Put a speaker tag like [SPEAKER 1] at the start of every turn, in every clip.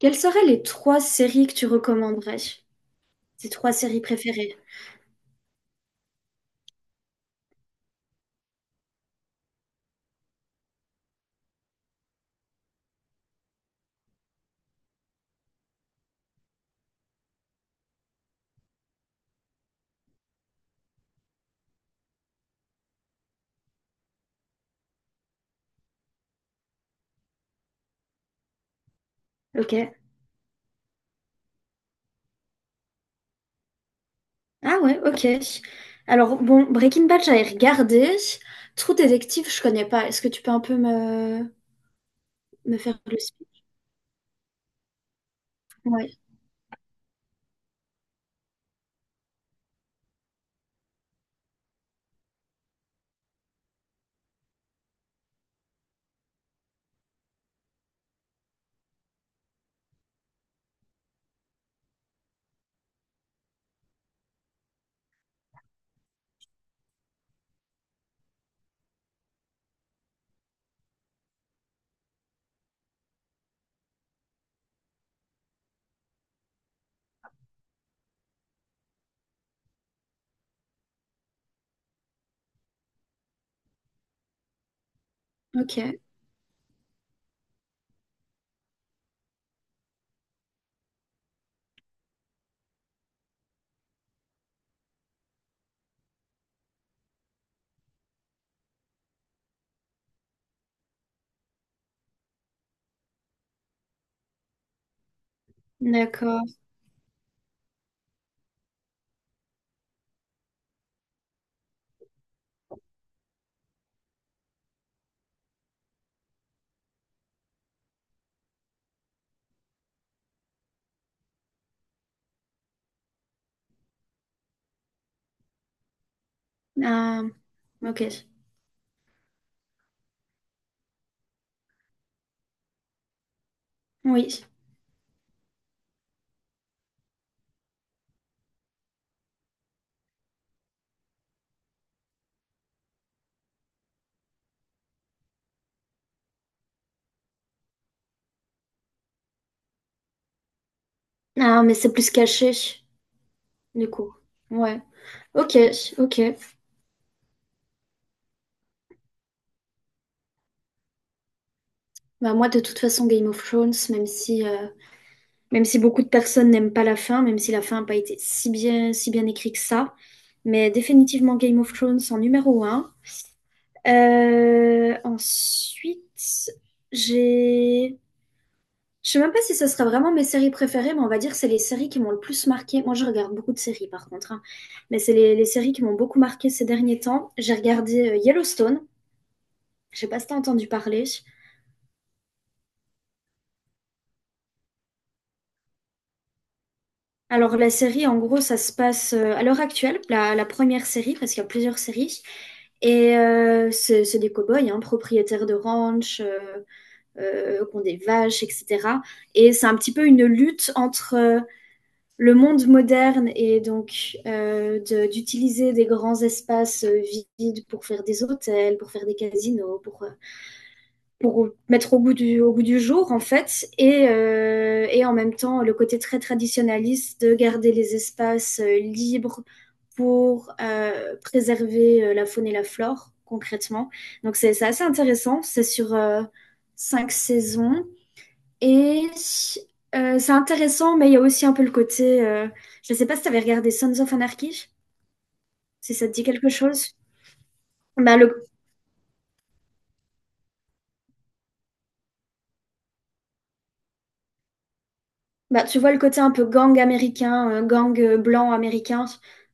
[SPEAKER 1] Quelles seraient les trois séries que tu recommanderais? Tes trois séries préférées? Ok. Ah ouais, ok. Alors, bon, Breaking Bad, j'avais regardé. True Detective, je connais pas. Est-ce que tu peux un peu me faire le speak? Ouais. Ok. D'accord. Ah, ok. Oui. Ah, mais c'est plus caché, du coup. Ouais. Ok, ok. Bah moi, de toute façon, Game of Thrones, même si beaucoup de personnes n'aiment pas la fin, même si la fin n'a pas été si bien écrite que ça, mais définitivement Game of Thrones en numéro un. Ensuite, j'ai... Je sais même pas si ça sera vraiment mes séries préférées, mais on va dire que c'est les séries qui m'ont le plus marqué. Moi, je regarde beaucoup de séries, par contre, hein. Mais c'est les séries qui m'ont beaucoup marqué ces derniers temps. J'ai regardé Yellowstone. Je sais pas si t'as entendu parler. Alors la série, en gros, ça se passe à l'heure actuelle, la première série, parce qu'il y a plusieurs séries. Et c'est des cow-boys, hein, propriétaires de ranch, qui ont des vaches, etc. Et c'est un petit peu une lutte entre le monde moderne et donc d'utiliser des grands espaces vides pour faire des hôtels, pour faire des casinos, pour mettre au goût du jour, en fait, et en même temps le côté très traditionnaliste de garder les espaces libres pour préserver la faune et la flore, concrètement. Donc c'est assez intéressant, c'est sur cinq saisons, et c'est intéressant, mais il y a aussi un peu le côté, je ne sais pas si tu avais regardé Sons of Anarchy, si ça te dit quelque chose. Bah, le, Bah, tu vois le côté un peu gang américain, gang blanc américain,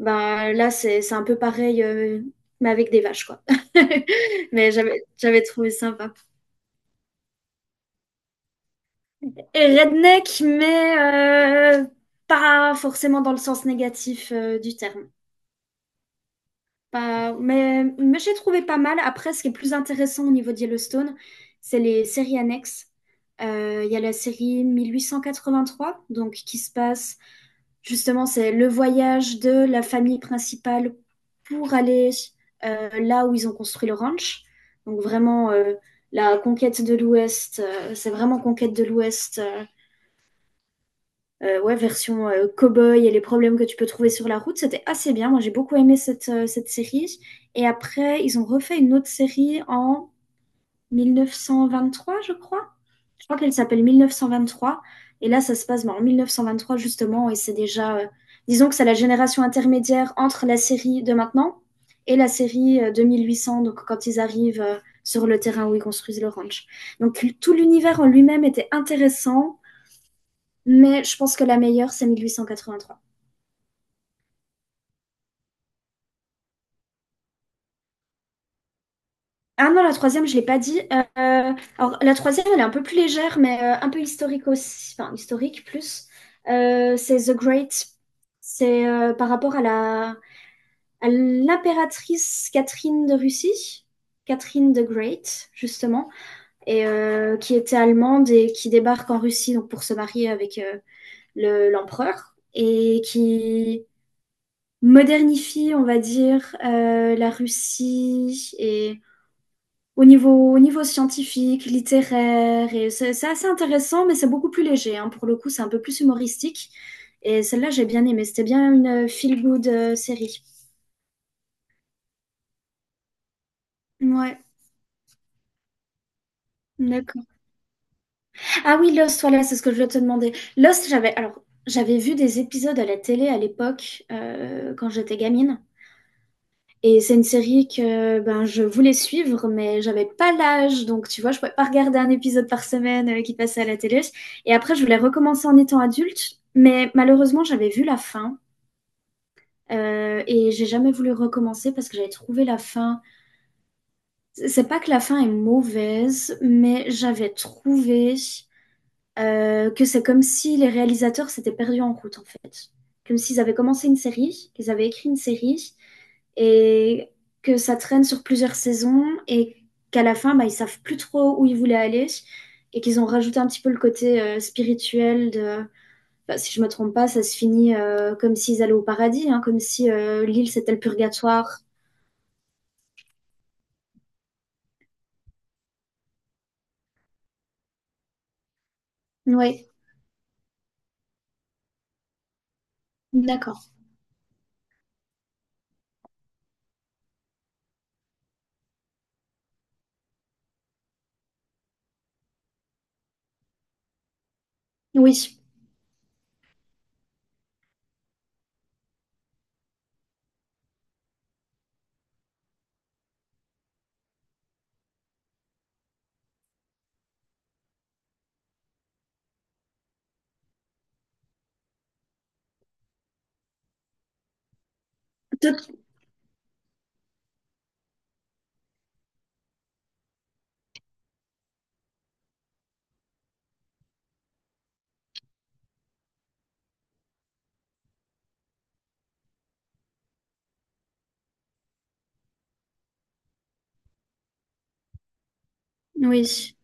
[SPEAKER 1] bah, là c'est un peu pareil, mais avec des vaches, quoi. Mais j'avais trouvé sympa. Et redneck, mais pas forcément dans le sens négatif du terme. Pas, mais j'ai trouvé pas mal. Après, ce qui est plus intéressant au niveau de Yellowstone, c'est les séries annexes. Il y a la série 1883, donc qui se passe. Justement, c'est le voyage de la famille principale pour aller là où ils ont construit le ranch. Donc vraiment, la conquête de l'Ouest, c'est vraiment conquête de l'Ouest, ouais, version cow-boy et les problèmes que tu peux trouver sur la route. C'était assez bien. Moi, j'ai beaucoup aimé cette série. Et après, ils ont refait une autre série en 1923 je crois. Je crois qu'elle s'appelle 1923. Et là, ça se passe ben, en trois justement. Et c'est déjà, disons que c'est la génération intermédiaire entre la série de maintenant et la série 2800, donc quand ils arrivent sur le terrain où ils construisent le ranch. Donc tout l'univers en lui-même était intéressant, mais je pense que la meilleure, c'est 1883. Ah non, la troisième, je l'ai pas dit. Alors, la troisième, elle est un peu plus légère, mais un peu historique aussi. Enfin, historique plus. C'est The Great. C'est par rapport à à l'impératrice Catherine de Russie. Catherine the Great, justement, et qui était allemande et qui débarque en Russie donc pour se marier avec l'empereur et qui modernifie, on va dire, la Russie et au niveau scientifique, littéraire, et c'est assez intéressant, mais c'est beaucoup plus léger. Hein. Pour le coup, c'est un peu plus humoristique. Et celle-là, j'ai bien aimé. C'était bien une feel-good série. Ouais, d'accord. Ah oui, Lost, voilà, c'est ce que je voulais te demander. Lost, alors, j'avais vu des épisodes à la télé à l'époque, quand j'étais gamine. Et c'est une série que ben, je voulais suivre, mais j'avais pas l'âge. Donc, tu vois, je pouvais pas regarder un épisode par semaine qui passait à la télé. Et après, je voulais recommencer en étant adulte. Mais malheureusement, j'avais vu la fin. Et j'ai jamais voulu recommencer parce que j'avais trouvé la fin. C'est pas que la fin est mauvaise, mais j'avais trouvé que c'est comme si les réalisateurs s'étaient perdus en route, en fait. Comme s'ils avaient commencé une série, qu'ils avaient écrit une série et que ça traîne sur plusieurs saisons et qu'à la fin, bah, ils ne savent plus trop où ils voulaient aller et qu'ils ont rajouté un petit peu le côté spirituel de... Bah, si je me trompe pas, ça se finit comme s'ils allaient au paradis, hein, comme si l'île c'était le purgatoire. Oui, d'accord. Oui, oui,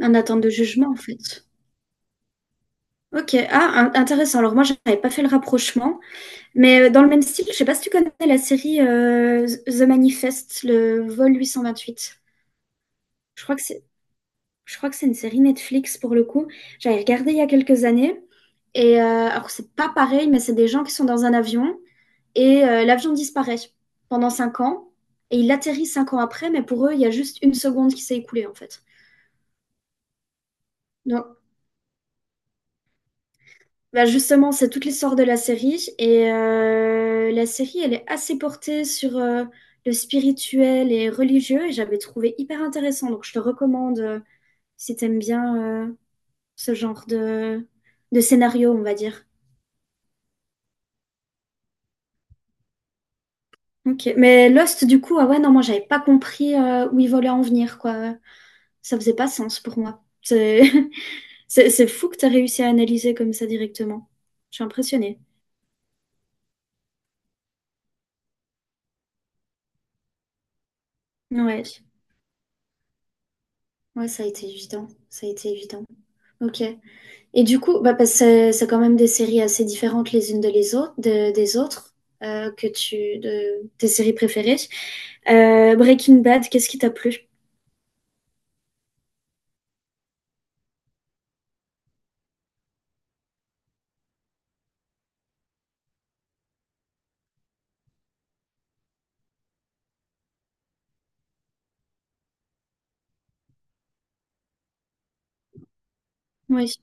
[SPEAKER 1] en attente de jugement en fait. Ok, ah, intéressant. Alors moi, j'avais pas fait le rapprochement. Mais dans le même style, je sais pas si tu connais la série The Manifest, le vol 828. Je crois que c'est, je crois que c'est une série Netflix pour le coup. J'avais regardé il y a quelques années. Et alors c'est pas pareil, mais c'est des gens qui sont dans un avion et l'avion disparaît pendant 5 ans et il atterrit 5 ans après, mais pour eux il y a juste une seconde qui s'est écoulée en fait. Donc Bah justement, c'est toute l'histoire de la série et la série, elle est assez portée sur le spirituel et religieux et j'avais trouvé hyper intéressant. Donc je te recommande si t'aimes bien ce genre de scénario, on va dire. Ok, mais Lost, du coup, ah ouais, non, moi j'avais pas compris où ils voulaient en venir, quoi. Ça faisait pas sens pour moi. C'est c'est fou que t'as réussi à analyser comme ça directement. Je suis impressionnée. Ouais, ouais, ça a été évident, ça a été évident. Ok. Et du coup, bah, parce que c'est quand même des séries assez différentes les unes de les autres, des autres, tes séries préférées. Breaking Bad, qu'est-ce qui t'a plu? Oui.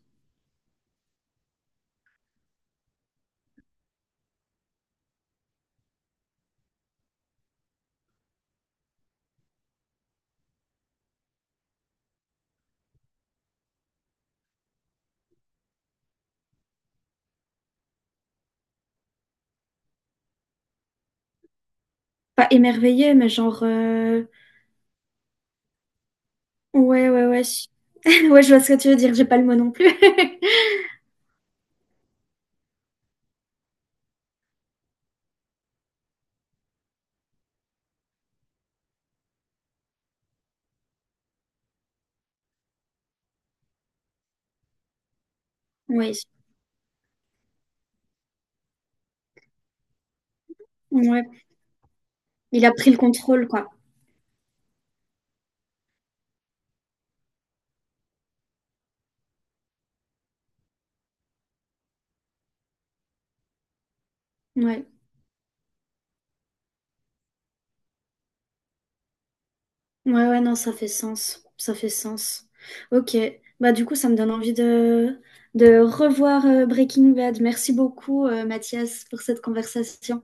[SPEAKER 1] Pas émerveillé, mais genre, ouais, ouais, ouais. Ouais, je vois ce que tu veux dire, j'ai pas le mot non plus. Oui. Ouais. Il a pris le contrôle, quoi. Ouais. Ouais, ouais, non, ça fait sens. Ça fait sens. Ok. Bah, du coup, ça me donne envie de revoir Breaking Bad. Merci beaucoup, Mathias, pour cette conversation.